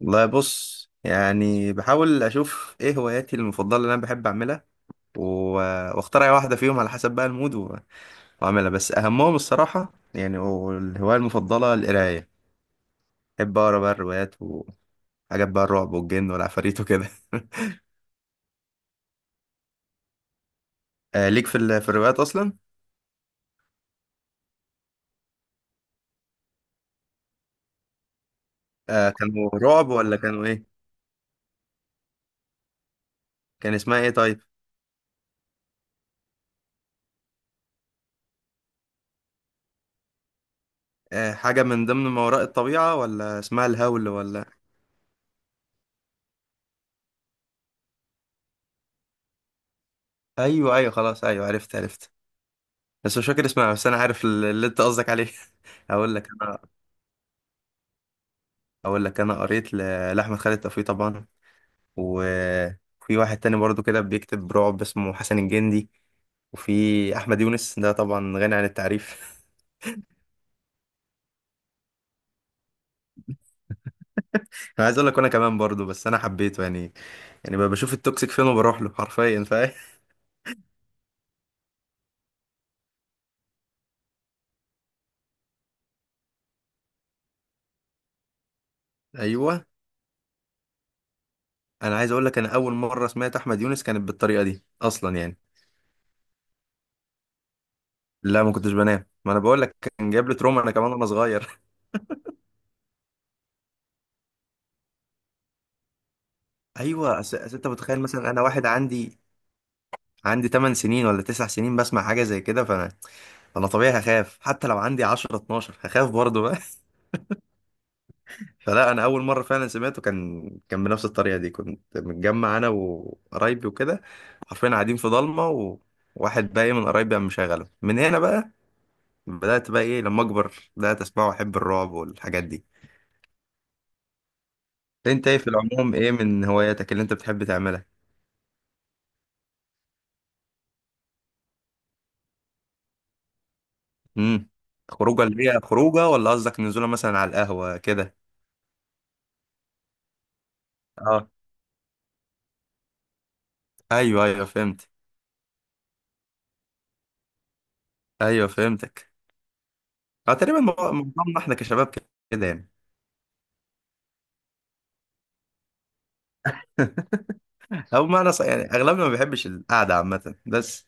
والله بص، يعني بحاول اشوف ايه هواياتي المفضله اللي انا بحب اعملها و... واختار اي واحده فيهم على حسب بقى المود واعملها. بس اهمهم الصراحه يعني، والهوايه المفضله القرايه. بحب اقرا بقى الروايات وحاجات بقى، الرعب والجن والعفاريت وكده. آه، ليك في الروايات اصلا. آه، كانوا رعب ولا كانوا ايه؟ كان اسمها ايه طيب؟ آه، حاجه من ضمن ما وراء الطبيعه، ولا اسمها الهول، ولا. ايوه، ايوه، خلاص، ايوه عرفت عرفت. بس مش فاكر اسمها، بس انا عارف اللي انت قصدك عليه. اقول لك انا اقول لك انا قريت لاحمد خالد توفيق طبعا. وفي واحد تاني برضو كده بيكتب رعب، اسمه حسن الجندي. وفي احمد يونس ده طبعا غني عن التعريف. انا عايز اقول لك انا كمان برضو، بس انا حبيته يعني بقى بشوف التوكسيك فين وبروح له حرفيا، فاهم؟ ايوه، انا عايز اقول لك انا اول مره سمعت احمد يونس كانت بالطريقه دي اصلا يعني. لا، ما كنتش بنام، ما انا بقول لك كان جايب لي تروما انا كمان وانا صغير. ايوه، أس... أس انت متخيل مثلا انا واحد عندي 8 سنين ولا 9 سنين بسمع حاجة زي كده، فانا طبيعي هخاف، حتى لو عندي 10 12 هخاف برضه بقى. فلا انا اول مرة فعلا سمعته كان بنفس الطريقة دي، كنت متجمع انا وقرايبي وكده، حرفيا قاعدين في ضلمة، وواحد بقى إيه من قرايبي قام مشغله من هنا بقى. بدأت بقى ايه لما اكبر بدأت اسمعه واحب الرعب والحاجات دي. انت ايه في العموم، ايه من هواياتك اللي انت بتحب تعملها؟ امم. خروجه اللي هي خروجه، ولا قصدك نزوله مثلا على القهوة كده؟ اه. ايوه ايوه فهمت. ايوه فهمتك. اه، تقريبا معظمنا احنا كشباب كده يعني. او معنى صح يعني، اغلبنا ما بيحبش القعده عامه بس.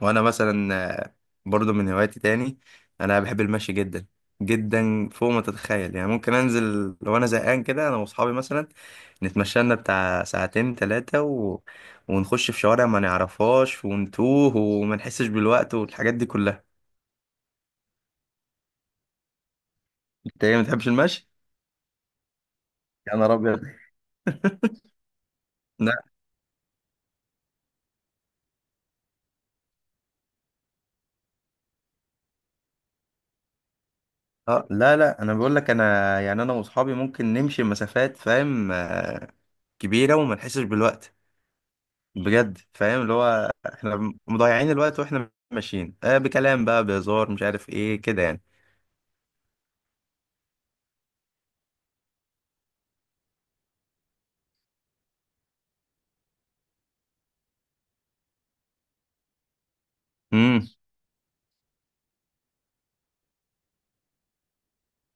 وانا مثلا، آه، برضو من هواياتي تاني، انا بحب المشي جدا. جدا فوق ما تتخيل يعني. ممكن انزل لو انا زهقان كده انا واصحابي مثلا، نتمشى لنا بتاع ساعتين ثلاثه ونخش في شوارع ما نعرفهاش، ونتوه وما نحسش بالوقت والحاجات دي كلها. انت ايه، ما بتحبش المشي؟ يا نهار ابيض! اه، لا لا، انا بقول لك انا يعني، انا واصحابي ممكن نمشي مسافات، فاهم؟ كبيره، وما نحسش بالوقت. بجد، فاهم؟ اللي هو احنا مضيعين الوقت واحنا ماشيين، بكلام بقى، بهزار، مش عارف ايه كده يعني. امم.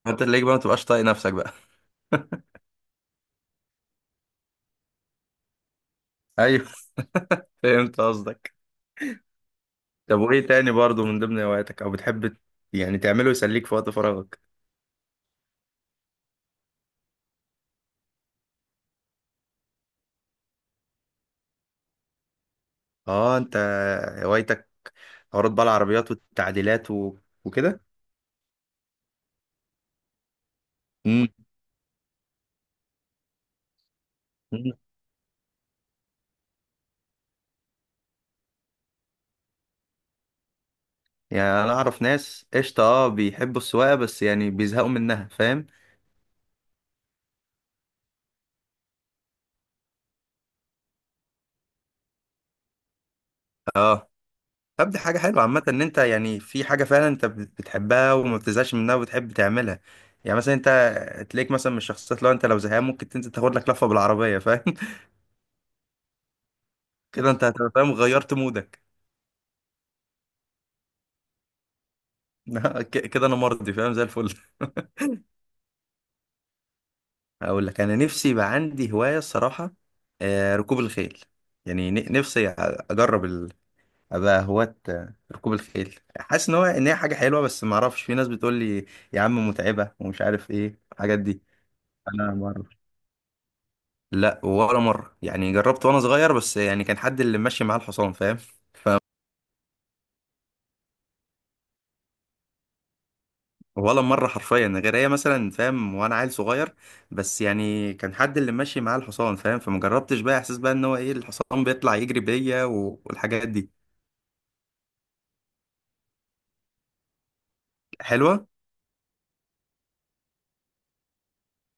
انت تلاقيك بقى ما تبقاش طايق نفسك بقى. ايوه، فهمت قصدك. طب، وايه تاني برضو من ضمن هواياتك، او بتحب يعني تعمله يسليك في وقت فراغك؟ اه، انت هوايتك حوارات بقى العربيات والتعديلات وكده. امم. يعني انا اعرف ناس قشطه، اه بيحبوا السواقه، بس يعني بيزهقوا منها، فاهم؟ اه. طب دي حاجه حلوه عامه، ان انت يعني في حاجه فعلا انت بتحبها وما بتزهقش منها وبتحب تعملها. يعني مثلا انت تلاقيك مثلا من الشخصيات، لو زهقان ممكن تنزل تاخد لك لفه بالعربيه، فاهم؟ كده انت هتبقى فاهم غيرت مودك. كده انا مرضي فاهم، زي الفل. اقول لك انا نفسي يبقى عندي هوايه الصراحه، ركوب الخيل. يعني نفسي اجرب ابقى هواة ركوب الخيل. حاسس ان هي حاجه حلوه، بس ما اعرفش، في ناس بتقول لي يا عم متعبه، ومش عارف ايه الحاجات دي. انا ما اعرفش. لا، ولا مره، يعني جربت وانا صغير بس يعني كان حد اللي ماشي معاه الحصان، فاهم؟ ولا مره حرفيا، غير هي مثلا، فاهم؟ وانا عيل صغير. بس يعني كان حد اللي ماشي معاه الحصان، فاهم؟ فما جربتش بقى احساس بقى ان هو ايه الحصان بيطلع يجري بيا والحاجات دي. حلوه.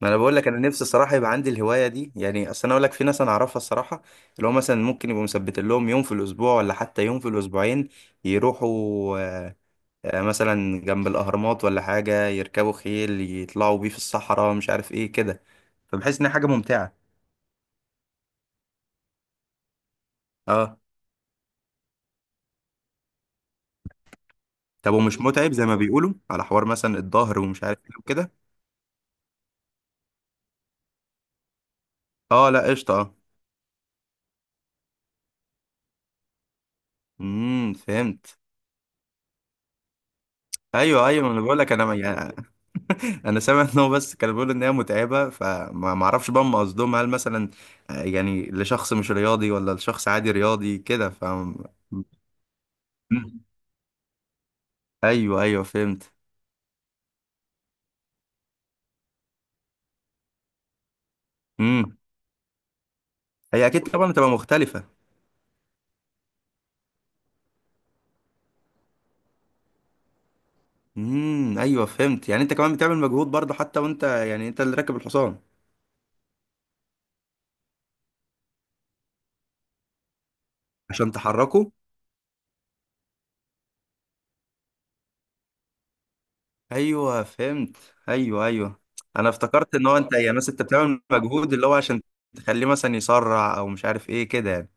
ما انا بقول لك انا نفسي الصراحه يبقى عندي الهوايه دي يعني. اصل انا اقول لك في ناس انا اعرفها الصراحه، اللي هو مثلا ممكن يبقوا مثبتين لهم يوم في الاسبوع ولا حتى يوم في الاسبوعين، يروحوا آه، مثلا جنب الاهرامات ولا حاجه، يركبوا خيل يطلعوا بيه في الصحراء، مش عارف ايه كده. فبحس انها حاجه ممتعه. اه. طب، ومش متعب زي ما بيقولوا على حوار مثلا الظهر ومش عارف ايه وكده؟ اه لا، قشطه، اه. امم، فهمت. ايوه ايوه، ما انا بقول لك انا يعني، انا سامع ان هو بس كان بيقول ان هي متعبه، فما ما اعرفش بقى هم قصدهم هل مثلا، يعني لشخص مش رياضي ولا لشخص عادي رياضي كده، مم. ايوه ايوه فهمت. امم. هي اكيد طبعا بتبقى مختلفه. امم، ايوه فهمت. يعني انت كمان بتعمل مجهود برضه، حتى وانت، يعني انت اللي راكب الحصان، عشان تحركه. ايوه فهمت. ايوه ايوه. انا افتكرت ان هو انت يعني مثلا انت بتعمل مجهود اللي هو عشان تخليه مثلا يسرع او مش عارف ايه كده يعني.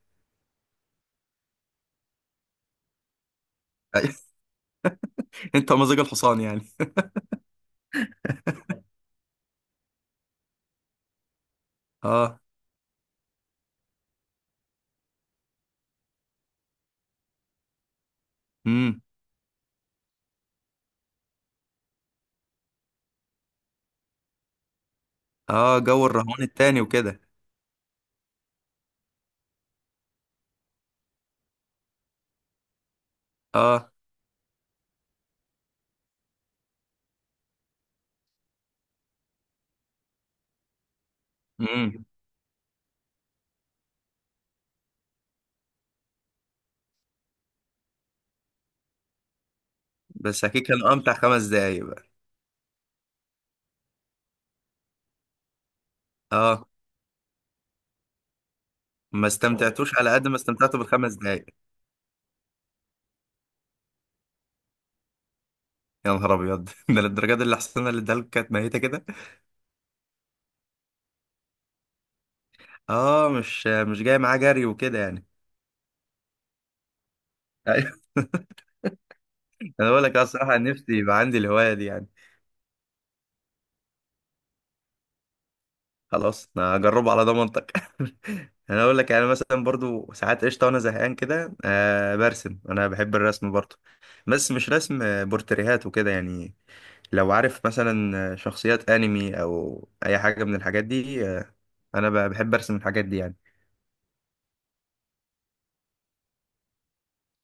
انت مزاج الحصان يعني. اه. امم. اه، جو الرهان التاني وكده. اه. امم. بس اكيد كانوا امتع خمس دقايق بقى. اه. ما استمتعتوش على قد ما استمتعتوا بالخمس دقايق. يا نهار ابيض! ده للدرجه دي؟ اللي حصلنا اللي ادالك كانت ميته كده. اه، مش جاي معاه جري وكده يعني. ايوه. انا بقول لك أنا الصراحه نفسي يبقى عندي الهوايه دي يعني. خلاص انا هجربه على ضمانتك. انا اقول لك، يعني مثلا برضو ساعات قشطه وانا زهقان كده، برسم، انا بحب الرسم برضو. بس مش رسم بورتريهات وكده يعني. لو عارف مثلا شخصيات انمي او اي حاجه من الحاجات دي، انا بحب ارسم الحاجات دي يعني.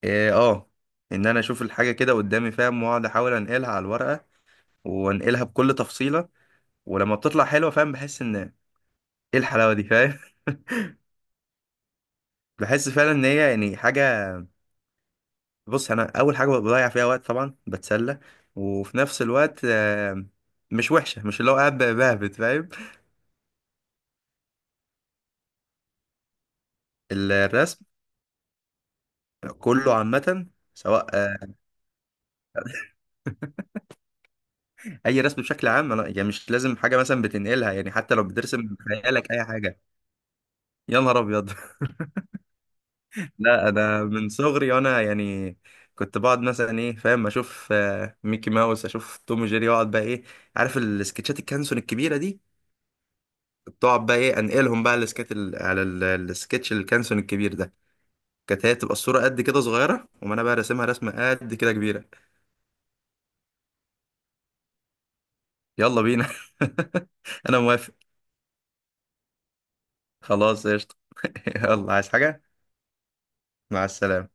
إيه، اه. ان انا اشوف الحاجه كده قدامي، فاهم؟ واقعد احاول انقلها على الورقه، وانقلها بكل تفصيله. ولما بتطلع حلوه، فاهم؟ بحس ان ايه، الحلاوه دي، فاهم؟ بحس فعلا ان هي يعني حاجه. بص، انا اول حاجه بضيع فيها وقت طبعا بتسلى، وفي نفس الوقت مش وحشه، مش اللي هو قاعد بهبت، فاهم؟ الرسم كله عامه، سواء اي رسم بشكل عام. انا يعني مش لازم حاجه مثلا بتنقلها يعني، حتى لو بترسم بخيالك اي حاجه. يا نهار ابيض! لا انا من صغري وانا يعني كنت بقعد مثلا ايه، فاهم؟ اشوف ميكي ماوس، اشوف توم وجيري، واقعد بقى ايه، عارف السكتشات الكانسون الكبيره دي؟ كنت اقعد بقى ايه انقلهم بقى على السكتش الكانسون الكبير ده. كانت هي تبقى الصوره قد كده صغيره، وما انا بقى راسمها رسمه قد كده كبيره. يلا بينا. انا موافق. خلاص، قشطه. يلا، عايز حاجه؟ مع السلامه.